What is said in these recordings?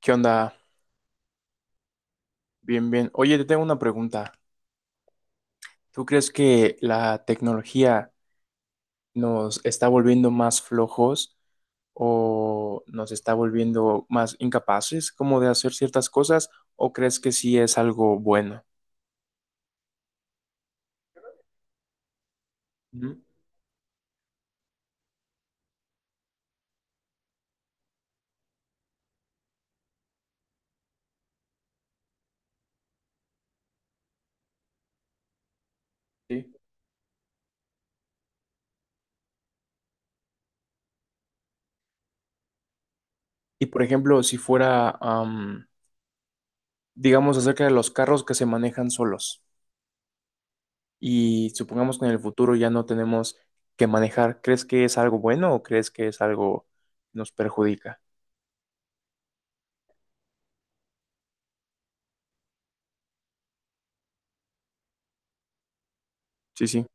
¿Qué onda? Bien, bien. Oye, te tengo una pregunta. ¿Tú crees que la tecnología nos está volviendo más flojos o nos está volviendo más incapaces como de hacer ciertas cosas o crees que sí es algo bueno? Ujú, sí. Y por ejemplo, si fuera, digamos, acerca de los carros que se manejan solos y supongamos que en el futuro ya no tenemos que manejar, ¿crees que es algo bueno o crees que es algo que nos perjudica? Sí, sí,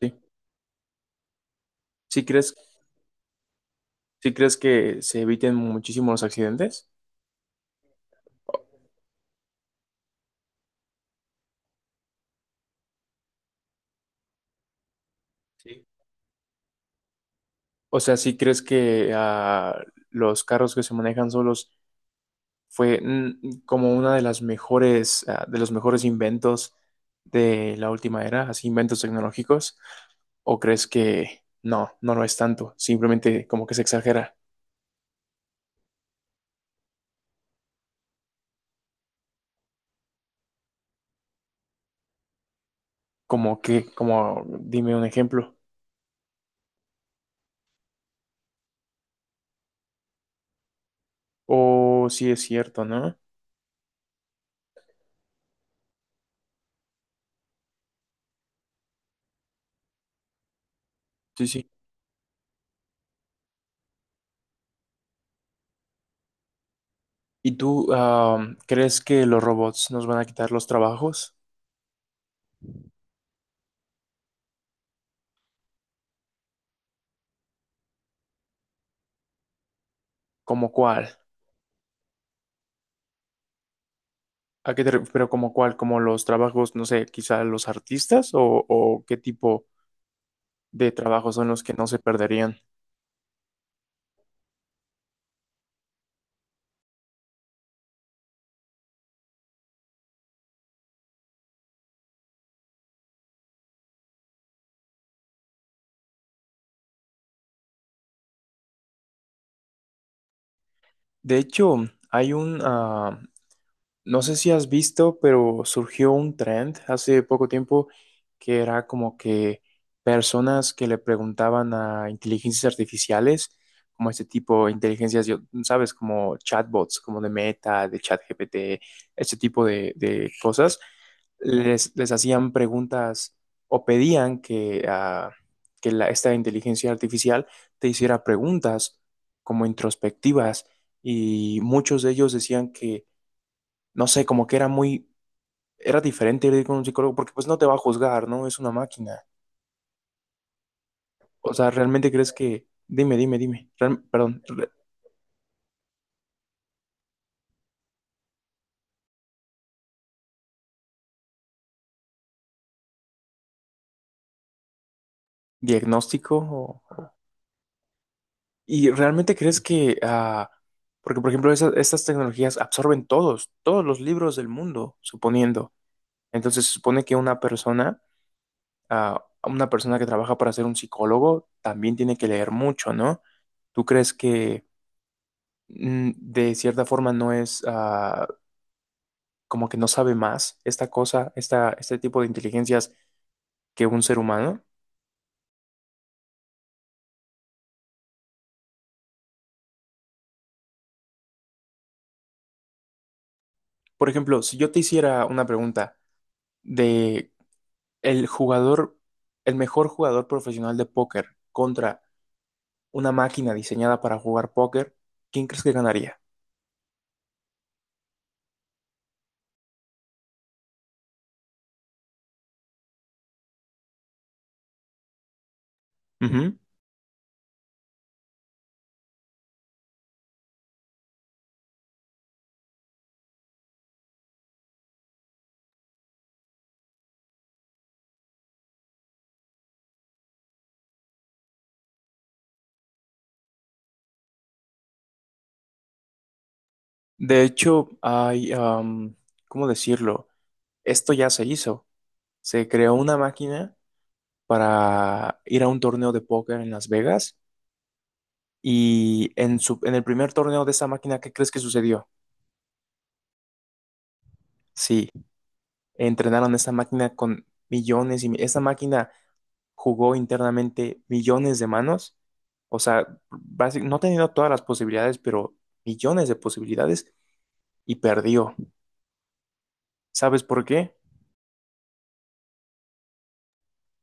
sí. ¿Sí crees, sí crees que se eviten muchísimo los accidentes? Sí. O sea, ¿sí crees que los carros que se manejan solos fue como una de las mejores, de los mejores inventos de la última era, así inventos tecnológicos? ¿O crees que no lo es tanto? Simplemente como que se exagera, dime un ejemplo. O sí es cierto, ¿no? Sí, sí. ¿Y tú crees que los robots nos van a quitar los trabajos? ¿Como cuál? ¿A qué te ref- ¿Pero como cuál? ¿Como los trabajos, no sé, quizá los artistas o qué tipo de trabajos son los que no se perderían? De hecho, hay un, ah, no sé si has visto, pero surgió un trend hace poco tiempo que era como que personas que le preguntaban a inteligencias artificiales, como este tipo de inteligencias, sabes, como chatbots, como de Meta, de ChatGPT, este tipo de cosas, les hacían preguntas o pedían que, que esta inteligencia artificial te hiciera preguntas como introspectivas y muchos de ellos decían que no sé, como que era diferente ir con un psicólogo porque pues no te va a juzgar, ¿no? Es una máquina. O sea, ¿realmente crees que, dime, diagnóstico? ¿Y realmente crees que, ah, porque por ejemplo, estas tecnologías absorben todos los libros del mundo, suponiendo. Entonces se supone que una persona, una persona que trabaja para ser un psicólogo, también tiene que leer mucho, ¿no? ¿Tú crees que de cierta forma no es... como que no sabe más esta cosa, este tipo de inteligencias que un ser humano. Por ejemplo, si yo te hiciera una pregunta de el jugador, el mejor jugador profesional de póker contra una máquina diseñada para jugar póker, ¿quién crees que ganaría? Ujú. De hecho, ¿cómo decirlo? Esto ya se hizo. Se creó una máquina para ir a un torneo de póker en Las Vegas y en el primer torneo de esa máquina, ¿qué crees que sucedió? Sí, entrenaron esta máquina con millones y mi- esta máquina jugó internamente millones de manos, o sea, no teniendo todas las posibilidades, pero millones de posibilidades y perdió. ¿Sabes por qué?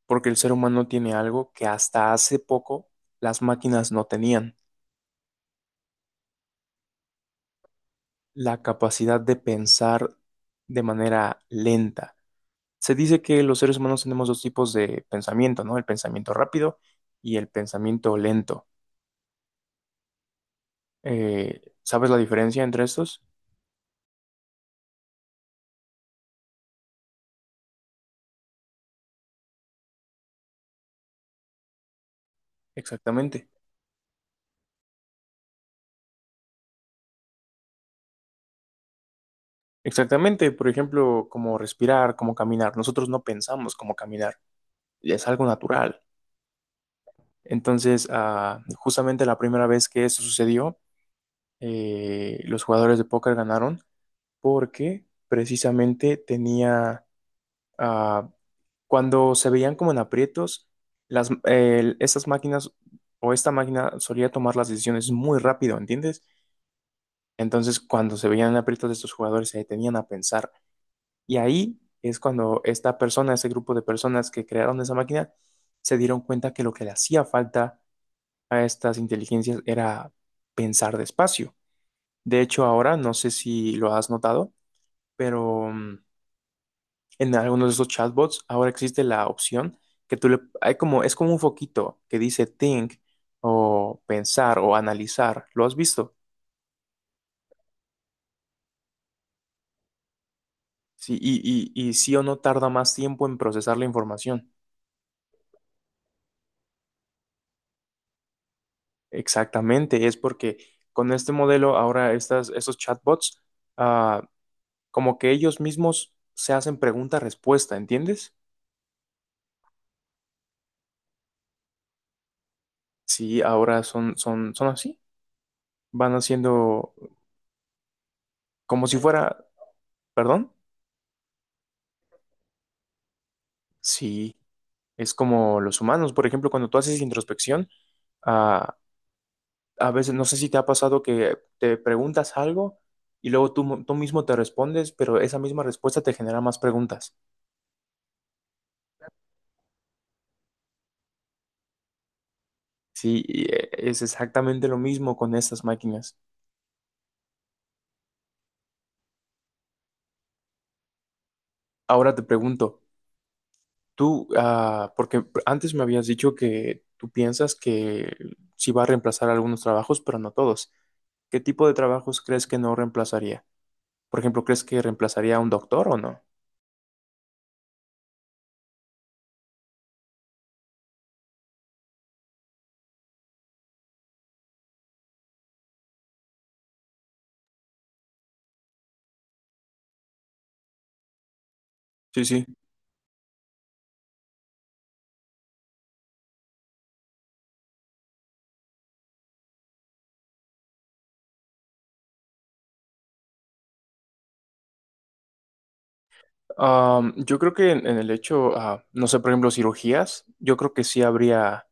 Porque el ser humano tiene algo que hasta hace poco las máquinas no tenían, la capacidad de pensar de manera lenta. Se dice que los seres humanos tenemos dos tipos de pensamiento, ¿no? El pensamiento rápido y el pensamiento lento. ¿Sabes la diferencia entre estos? Exactamente. Exactamente, por ejemplo, como respirar, como caminar. Nosotros no pensamos como caminar, es algo natural. Entonces, justamente la primera vez que eso sucedió, los jugadores de póker ganaron porque precisamente tenía, ah, cuando se veían como en aprietos, estas máquinas o esta máquina solía tomar las decisiones muy rápido, ¿entiendes? Entonces, cuando se veían aprietos de estos jugadores, se detenían a pensar. Y ahí es cuando esta persona, ese grupo de personas que crearon esa máquina, se dieron cuenta que lo que le hacía falta a estas inteligencias era pensar despacio. De hecho, ahora, no sé si lo has notado, pero en algunos de esos chatbots ahora existe la opción que tú le... Hay como, es como un foquito que dice think o pensar o analizar. ¿Lo has visto? Sí, y sí o no tarda más tiempo en procesar la información. Exactamente, es porque con este modelo ahora estos chatbots, ah, como que ellos mismos se hacen pregunta-respuesta, ¿entiendes? Sí, ahora son así, van haciendo como si fuera, perdón, sí, es como los humanos, por ejemplo, cuando tú haces introspección, ah, a veces no sé si te ha pasado que te preguntas algo y luego tú mismo te respondes, pero esa misma respuesta te genera más preguntas. Sí, es exactamente lo mismo con estas máquinas. Ahora te pregunto, porque antes me habías dicho que tú piensas que sí va a reemplazar algunos trabajos, pero no todos. ¿Qué tipo de trabajos crees que no reemplazaría? Por ejemplo, ¿crees que reemplazaría a un doctor o no? Sí, sí. Yo creo que en el hecho, no sé, por ejemplo, cirugías, yo creo que sí habría,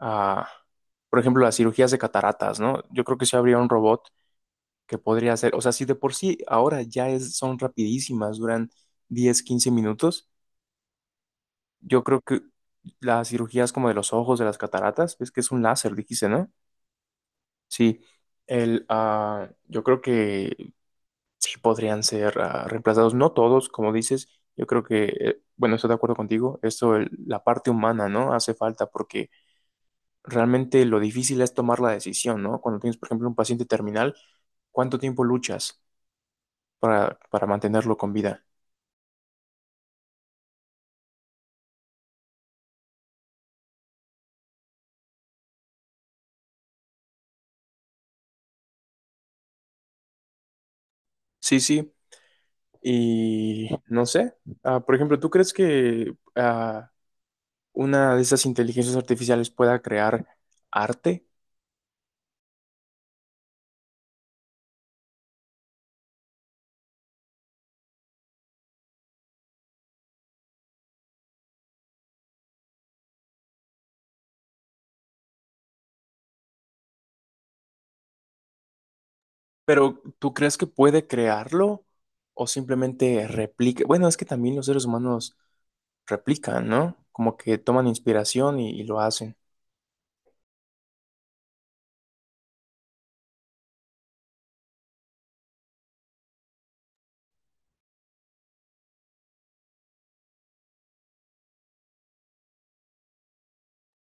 ah, por ejemplo, las cirugías de cataratas, ¿no? Yo creo que sí habría un robot que podría hacer, o sea, si de por sí ahora son rapidísimas, duran 10, 15 minutos. Yo creo que las cirugías como de los ojos, de las cataratas, es que es un láser, dijiste, ¿no? Sí, yo creo que sí podrían ser reemplazados, no todos, como dices, yo creo que, bueno, estoy de acuerdo contigo, la parte humana, ¿no? Hace falta porque realmente lo difícil es tomar la decisión, ¿no? Cuando tienes, por ejemplo, un paciente terminal, ¿cuánto tiempo luchas para mantenerlo con vida? Sí, sí, y no sé, por ejemplo, ¿tú crees que... una de esas inteligencias artificiales pueda crear arte, pero ¿tú crees que puede crearlo o simplemente replica? Bueno, es que también los seres humanos replican, ¿no? Como que toman inspiración y lo hacen.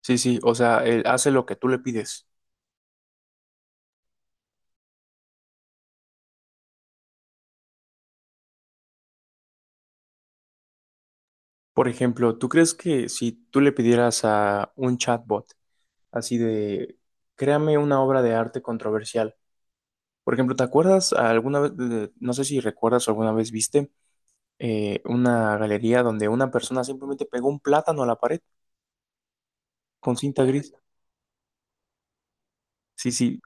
Sí, sí, o sea, él hace lo que tú le pides. Por ejemplo, ¿tú crees que si tú le pidieras a un chatbot así de, créame una obra de arte controversial? Por ejemplo, ¿te acuerdas alguna vez, no sé si recuerdas o alguna vez viste una galería donde una persona simplemente pegó un plátano a la pared con cinta gris? Sí, sí,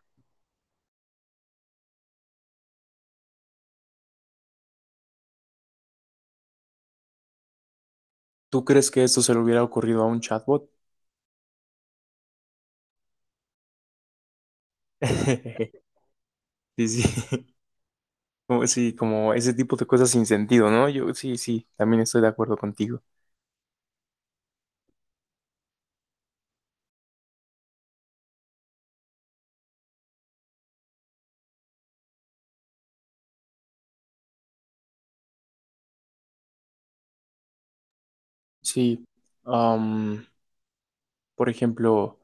¿tú crees que esto se le hubiera ocurrido a un chatbot? Sí, sí, como, sí, como ese tipo de cosas sin sentido, ¿no? Yo sí, sí, también estoy de acuerdo contigo. Sí, am, por ejemplo,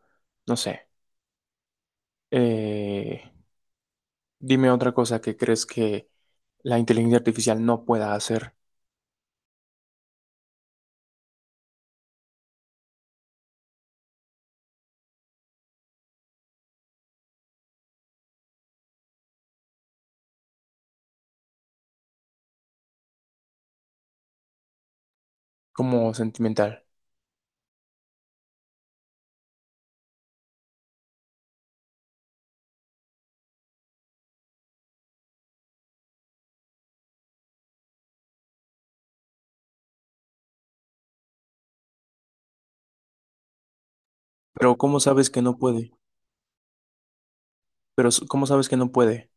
no sé, eh, dime otra cosa que crees que la inteligencia artificial no pueda hacer como sentimental. Pero ¿cómo sabes que no puede? Cómo sabes que no puede?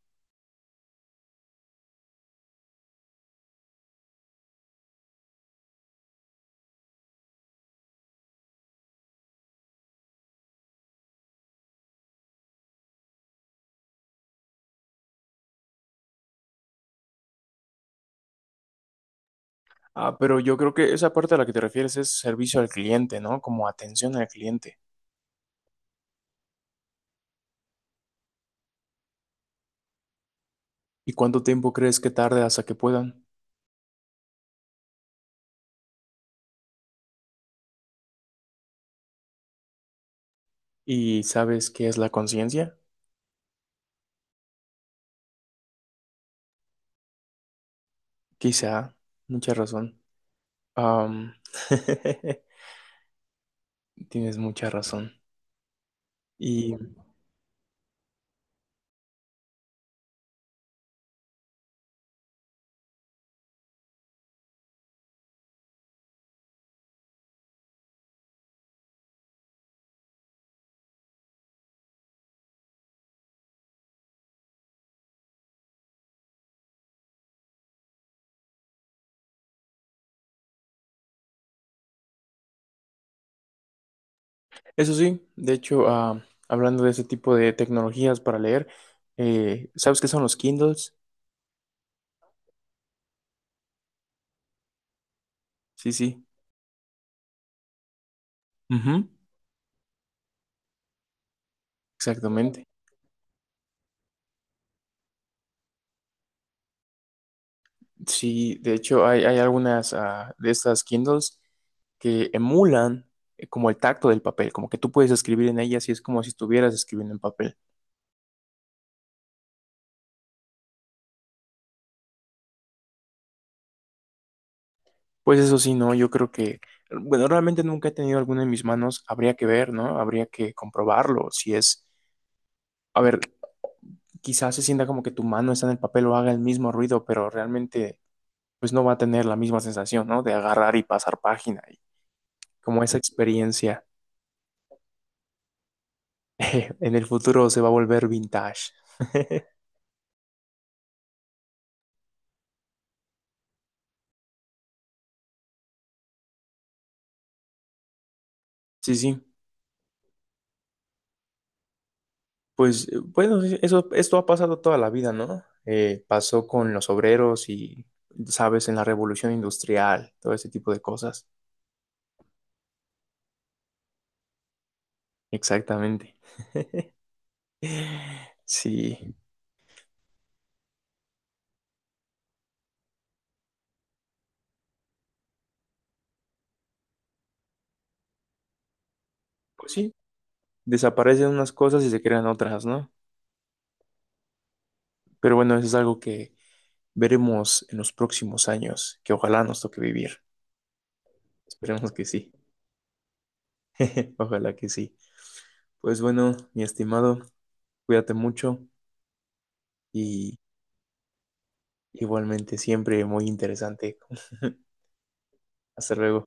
Ah, pero yo creo que esa parte a la que te refieres es servicio al cliente, ¿no? Como atención al cliente. ¿Y cuánto tiempo crees que tarde hasta que puedan? ¿Y sabes qué es la conciencia? Quizá, mucha razón. Am, tienes mucha razón. Y eso sí, de hecho, hablando de ese tipo de tecnologías para leer, ¿sabes qué son los Kindles? Sí, sí. Ujú, exactamente. Sí, de hecho hay algunas de estas Kindles que emulan como el tacto del papel, como que tú puedes escribir en ellas y es como si estuvieras escribiendo en papel. Pues eso sí, no, yo creo que, bueno, realmente nunca he tenido alguna en mis manos, habría que ver, ¿no? Habría que comprobarlo, si es, a ver, quizás se sienta como que tu mano está en el papel o haga el mismo ruido, pero realmente pues no va a tener la misma sensación, ¿no? De agarrar y pasar página y como esa experiencia. En el futuro se va a volver vintage. Sí, sí, pues bueno, sí, eso, esto ha pasado toda la vida, ¿no? Pasó con los obreros y, sabes, en la revolución industrial, todo ese tipo de cosas. Exactamente. Sí, pues sí, desaparecen unas cosas y se crean otras, ¿no? Pero bueno, eso es algo que veremos en los próximos años, que ojalá nos toque vivir. Esperemos que sí, ojalá que sí. Pues bueno, mi estimado, cuídate mucho y igualmente siempre muy interesante. Hasta luego.